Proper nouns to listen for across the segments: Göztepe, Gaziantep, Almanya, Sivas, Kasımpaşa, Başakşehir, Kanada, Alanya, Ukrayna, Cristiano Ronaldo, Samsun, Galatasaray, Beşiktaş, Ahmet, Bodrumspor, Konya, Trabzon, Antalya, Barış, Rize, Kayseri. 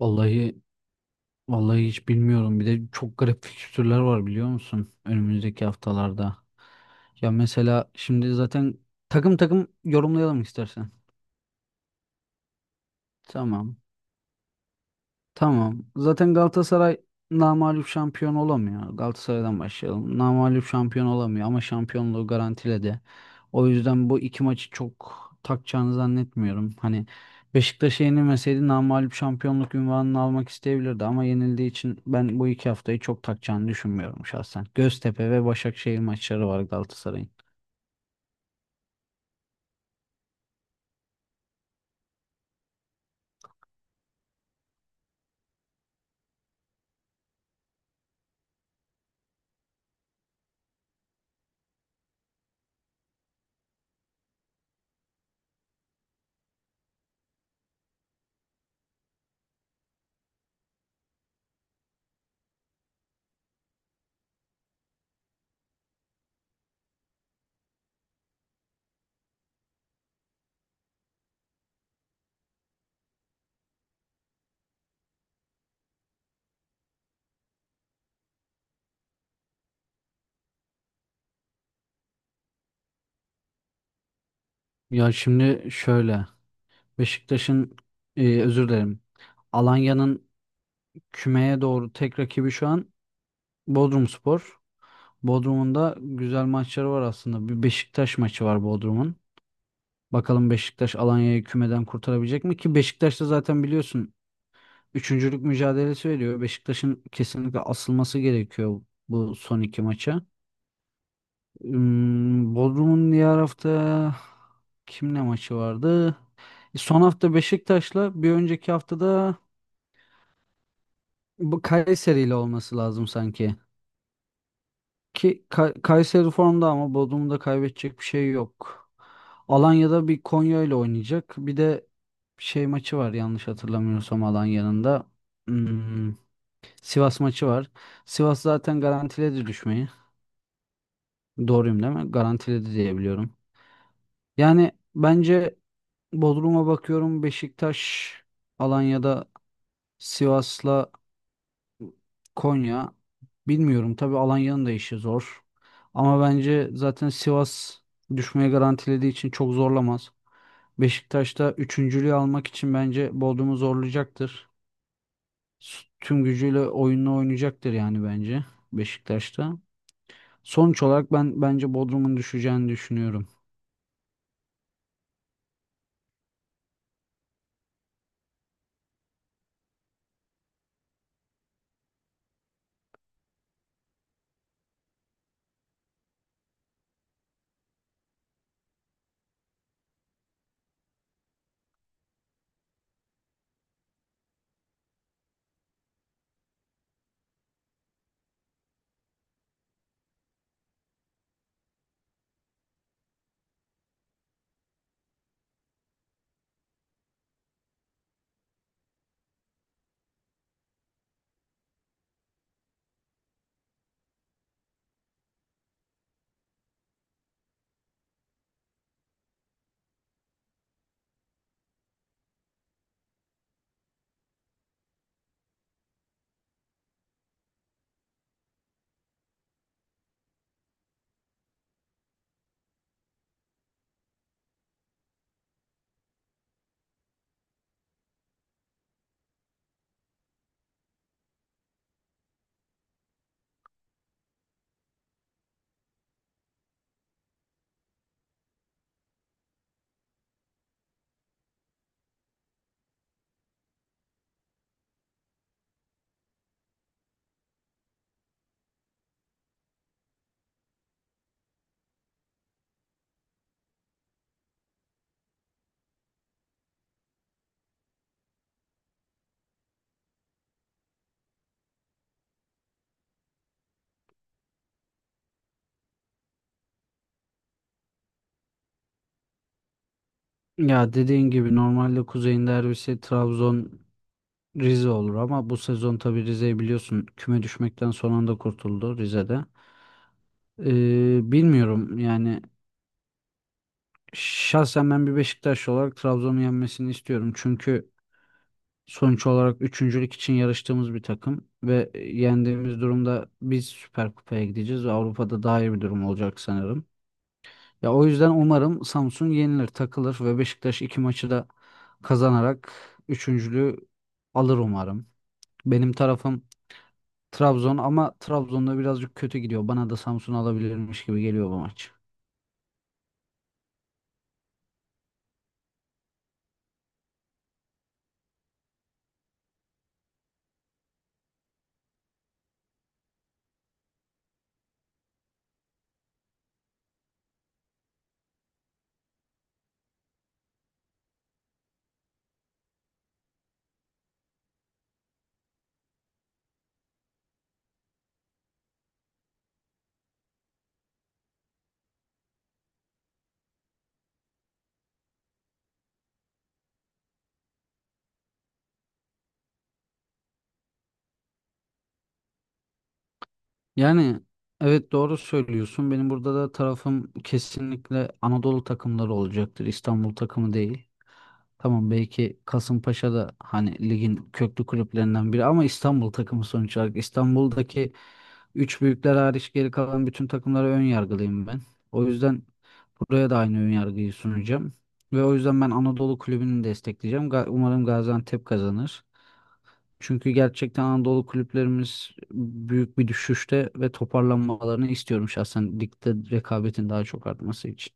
Vallahi vallahi hiç bilmiyorum. Bir de çok garip fikstürler var biliyor musun? Önümüzdeki haftalarda. Ya mesela şimdi zaten takım takım yorumlayalım istersen. Tamam. Tamam. Zaten Galatasaray namağlup şampiyon olamıyor. Galatasaray'dan başlayalım. Namağlup şampiyon olamıyor ama şampiyonluğu garantiledi. O yüzden bu iki maçı çok takacağını zannetmiyorum. Hani Beşiktaş'a yenilmeseydi namağlup şampiyonluk unvanını almak isteyebilirdi ama yenildiği için ben bu iki haftayı çok takacağını düşünmüyorum şahsen. Göztepe ve Başakşehir maçları var Galatasaray'ın. Ya şimdi şöyle Beşiktaş'ın özür dilerim. Alanya'nın kümeye doğru tek rakibi şu an Bodrumspor. Bodrum'un da güzel maçları var aslında. Bir Beşiktaş maçı var Bodrum'un. Bakalım Beşiktaş Alanya'yı kümeden kurtarabilecek mi? Ki Beşiktaş da zaten biliyorsun üçüncülük mücadelesi veriyor. Beşiktaş'ın kesinlikle asılması gerekiyor bu son iki maça. Bodrum'un diğer hafta kimle maçı vardı? Son hafta Beşiktaş'la bir önceki haftada bu Kayseri'yle olması lazım sanki. Kayseri formda ama Bodrum'da kaybedecek bir şey yok. Alanya'da bir Konya ile oynayacak. Bir de şey maçı var yanlış hatırlamıyorsam Alanya'nın da. Hmm, Sivas maçı var. Sivas zaten garantiledi düşmeyi. Doğruyum değil mi? Garantiledi diye biliyorum. Yani bence Bodrum'a bakıyorum Beşiktaş, Alanya'da Sivas'la Konya bilmiyorum tabii Alanya'nın da işi zor. Ama bence zaten Sivas düşmeye garantilediği için çok zorlamaz. Beşiktaş'ta üçüncülüğü almak için bence Bodrum'u zorlayacaktır. Tüm gücüyle oyununu oynayacaktır yani bence Beşiktaş'ta. Sonuç olarak ben bence Bodrum'un düşeceğini düşünüyorum. Ya dediğin gibi normalde Kuzey'in derbisi Trabzon Rize olur ama bu sezon tabii Rize'yi biliyorsun küme düşmekten son anda kurtuldu Rize'de. Bilmiyorum yani şahsen ben bir Beşiktaşlı olarak Trabzon'un yenmesini istiyorum. Çünkü sonuç olarak üçüncülük için yarıştığımız bir takım ve yendiğimiz durumda biz Süper Kupa'ya gideceğiz ve Avrupa'da daha iyi bir durum olacak sanırım. Ya o yüzden umarım Samsun yenilir, takılır ve Beşiktaş iki maçı da kazanarak üçüncülüğü alır umarım. Benim tarafım Trabzon ama Trabzon'da birazcık kötü gidiyor. Bana da Samsun alabilirmiş gibi geliyor bu maç. Yani evet doğru söylüyorsun. Benim burada da tarafım kesinlikle Anadolu takımları olacaktır. İstanbul takımı değil. Tamam belki Kasımpaşa da hani ligin köklü kulüplerinden biri ama İstanbul takımı sonuç olarak. İstanbul'daki üç büyükler hariç geri kalan bütün takımlara ön yargılıyım ben. O yüzden buraya da aynı ön yargıyı sunacağım. Ve o yüzden ben Anadolu kulübünü destekleyeceğim. Umarım Gaziantep kazanır. Çünkü gerçekten Anadolu kulüplerimiz büyük bir düşüşte ve toparlanmalarını istiyorum şahsen ligde rekabetin daha çok artması için.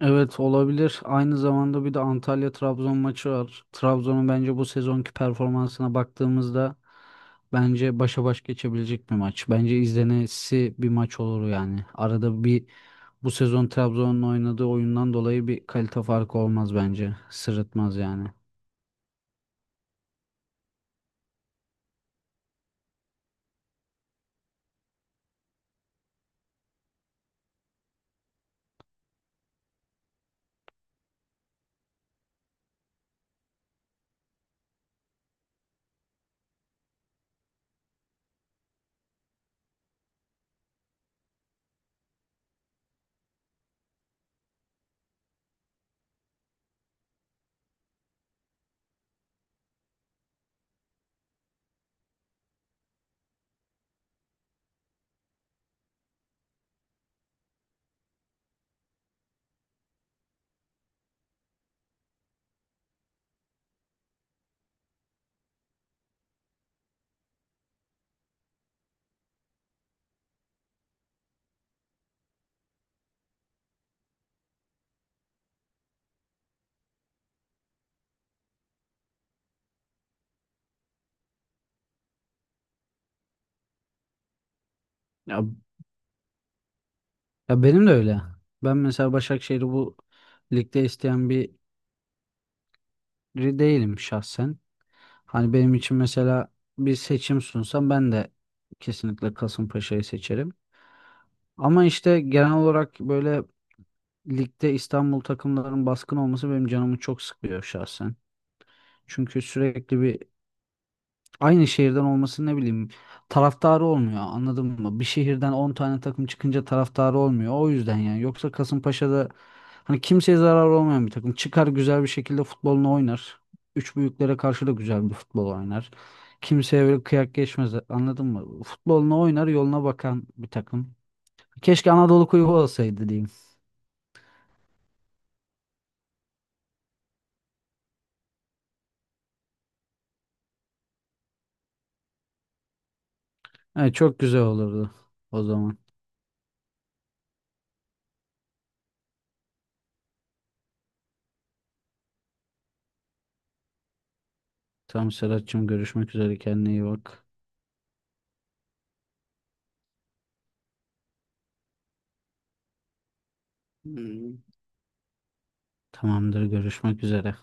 Evet olabilir. Aynı zamanda bir de Antalya Trabzon maçı var. Trabzon'un bence bu sezonki performansına baktığımızda bence başa baş geçebilecek bir maç. Bence izlenesi bir maç olur yani. Arada bir bu sezon Trabzon'un oynadığı oyundan dolayı bir kalite farkı olmaz bence. Sırıtmaz yani. Ya Ya benim de öyle. Ben mesela Başakşehir'i bu ligde isteyen biri değilim şahsen. Hani benim için mesela bir seçim sunsam ben de kesinlikle Kasımpaşa'yı seçerim. Ama işte genel olarak böyle ligde İstanbul takımlarının baskın olması benim canımı çok sıkıyor şahsen. Çünkü sürekli bir aynı şehirden olması ne bileyim taraftarı olmuyor anladın mı? Bir şehirden 10 tane takım çıkınca taraftarı olmuyor. O yüzden yani yoksa Kasımpaşa'da hani kimseye zararı olmayan bir takım çıkar güzel bir şekilde futbolunu oynar. Üç büyüklere karşı da güzel bir futbol oynar. Kimseye böyle kıyak geçmez anladın mı? Futbolunu oynar yoluna bakan bir takım. Keşke Anadolu Kulübü olsaydı diyeyim. Evet, çok güzel olurdu o zaman. Tamam Serhat'cığım görüşmek üzere kendine iyi bak. Hmm. Tamamdır görüşmek üzere.